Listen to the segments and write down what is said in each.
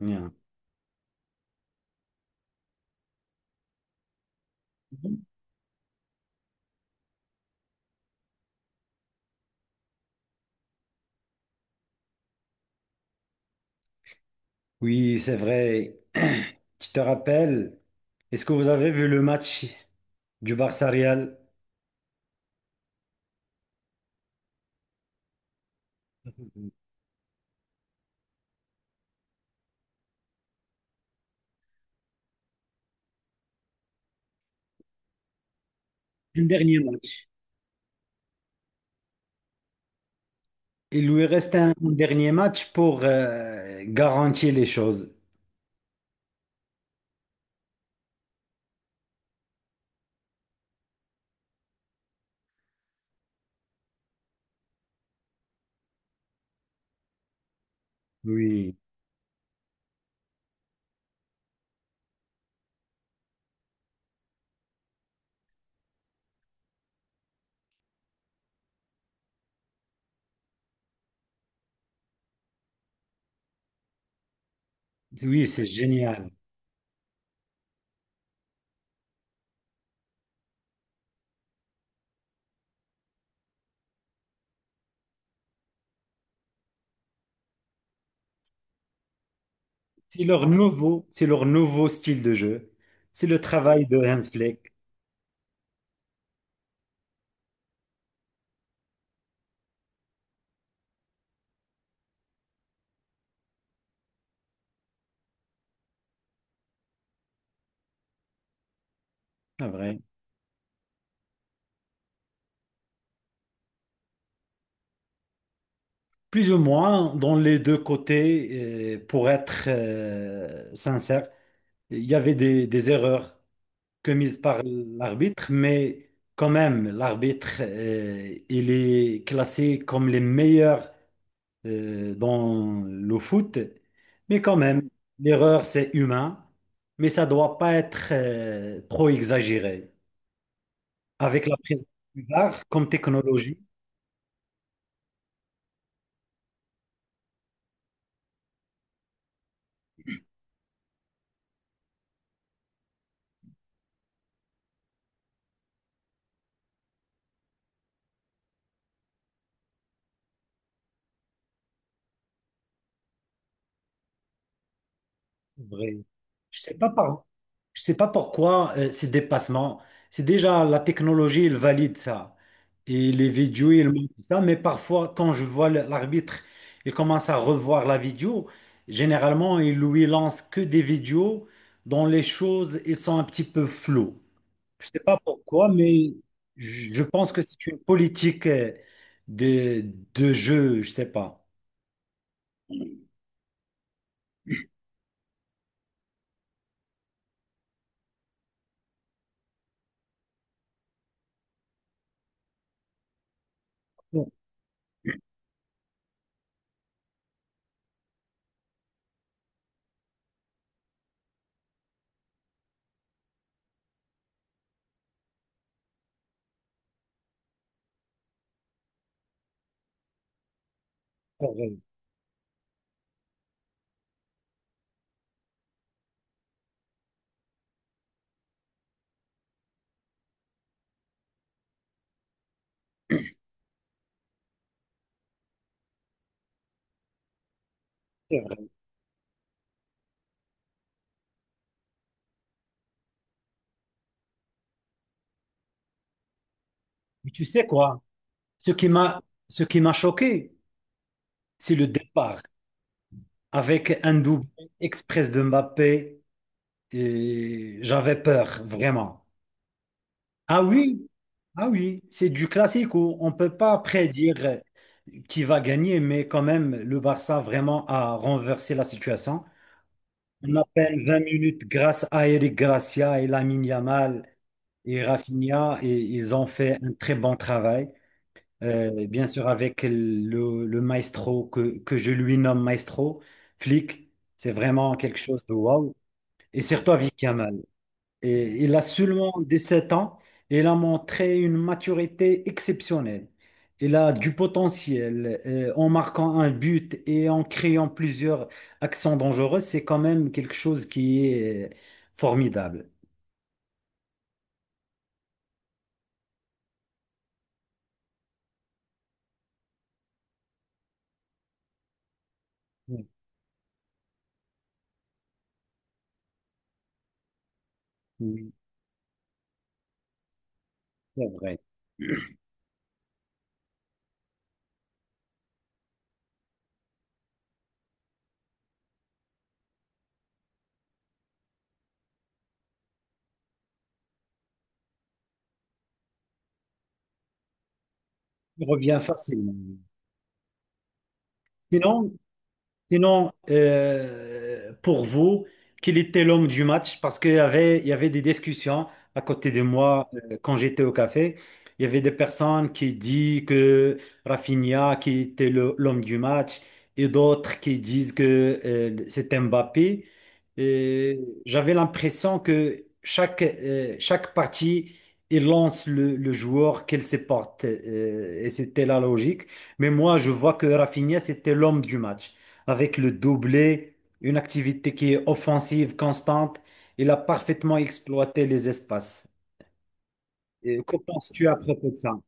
Bien. Oui, c'est vrai. Tu te rappelles, est-ce que vous avez vu le match du Barça Real? Un dernier match. Il lui reste un dernier match pour garantir les choses. Oui, oui, c'est génial. C'est leur nouveau style de jeu. C'est le travail de Hans Flick, c'est vrai. Plus ou moins dans les deux côtés, pour être sincère, il y avait des erreurs commise par l'arbitre. Mais quand même, l'arbitre, il est classé comme les meilleurs dans le foot, mais quand même, l'erreur, c'est humain, mais ça doit pas être trop exagéré. Avec la prise du VAR comme technologie, vrai. Je sais pas par- je sais pas pourquoi ces dépassements. C'est déjà la technologie, elle valide ça. Et les vidéos, ils montrent ça. Mais parfois, quand je vois l'arbitre, il commence à revoir la vidéo. Généralement, il lui lance que des vidéos dont les choses, ils sont un petit peu floues. Je sais pas pourquoi, mais je pense que c'est une politique de jeu. Je sais pas. Bon, c'est vrai, c'est vrai. Mais tu sais quoi? Ce qui m'a, ce qui m'a choqué. C'est le départ. Avec un double express de Mbappé, et j'avais peur, vraiment. Ah oui, ah oui, c'est du classico. On ne peut pas prédire qui va gagner, mais quand même, le Barça vraiment a renversé la situation. En à peine 20 minutes, grâce à Eric Gracia et Lamine Yamal et Rafinha, et ils ont fait un très bon travail. Bien sûr avec le maestro que je lui nomme maestro, Flick, c'est vraiment quelque chose de waouh. Et surtout avec Yamal. Et il a seulement 17 ans et il a montré une maturité exceptionnelle. Il a du potentiel, en marquant un but et en créant plusieurs accents dangereux. C'est quand même quelque chose qui est formidable. Oui, oui, c'est vrai. Il revient facilement. Sinon, sinon, pour vous, quel était l'homme du match? Parce qu'il y avait, il y avait des discussions à côté de moi quand j'étais au café. Il y avait des personnes qui disent que Rafinha qui était l'homme du match et d'autres qui disent que c'était Mbappé. Et j'avais l'impression que chaque partie il lance le joueur qu'elle se porte, et c'était la logique. Mais moi, je vois que Rafinha, c'était l'homme du match avec le doublé, une activité qui est offensive, constante. Il a parfaitement exploité les espaces. Et que penses-tu à propos de ça?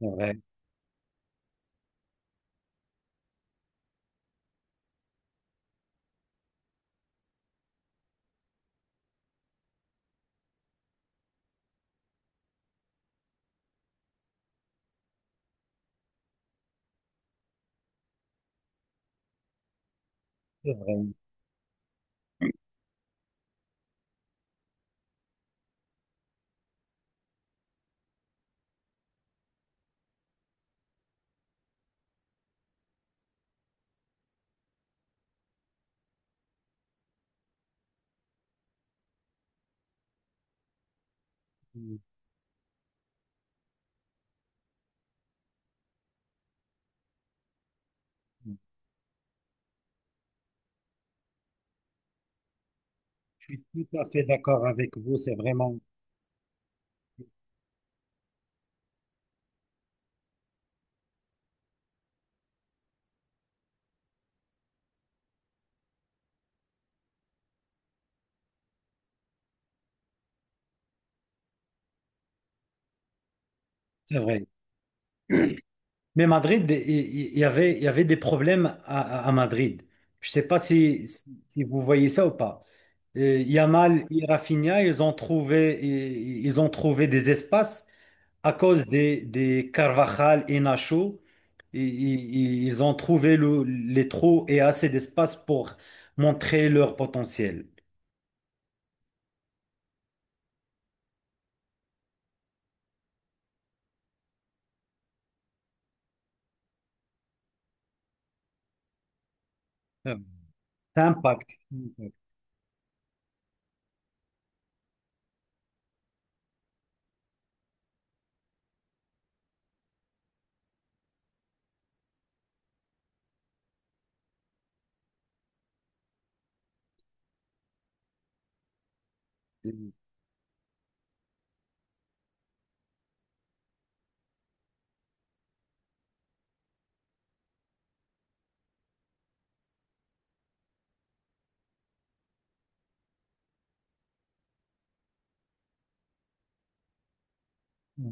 C'est vrai, c'est vrai. Je suis tout à fait d'accord avec vous, c'est vraiment, c'est vrai. Mais Madrid, il y avait, il y avait des problèmes à, à Madrid. Je ne sais pas si, si si vous voyez ça ou pas. Yamal et Rafinha, ils ils ont trouvé des espaces à cause des Carvajal et Nacho, ils ont trouvé les trous et assez d'espace pour montrer leur potentiel. Euh, Impact. Impact. euh, euh,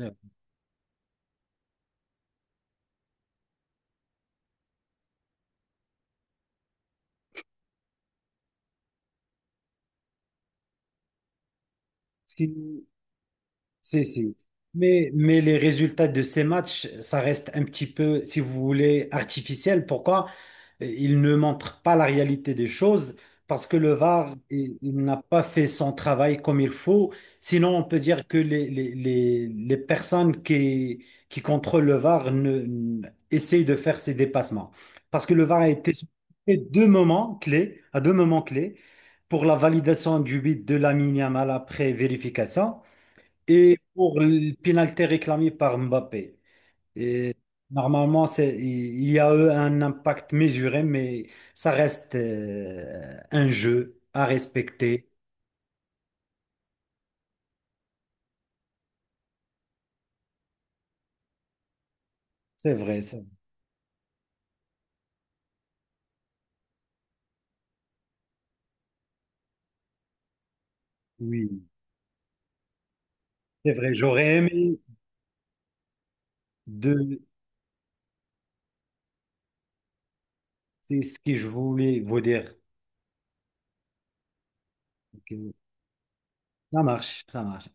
euh, Si, si, si. Mais les résultats de ces matchs, ça reste un petit peu, si vous voulez, artificiel. Pourquoi? Il ne montre pas la réalité des choses parce que le VAR, il n'a pas fait son travail comme il faut. Sinon, on peut dire que les personnes qui contrôlent le VAR ne, essayent de faire ces dépassements. Parce que le VAR a été fait deux moments clés, à deux moments clés, pour la validation du but de Lamine Yamal après vérification et pour le pénalité réclamé par Mbappé. Et normalement, c'est, il y a eu un impact mesuré, mais ça reste un jeu à respecter. C'est vrai, ça. Oui, c'est vrai. J'aurais aimé de... C'est ce que je voulais vous dire. Ok. Ça marche, ça marche.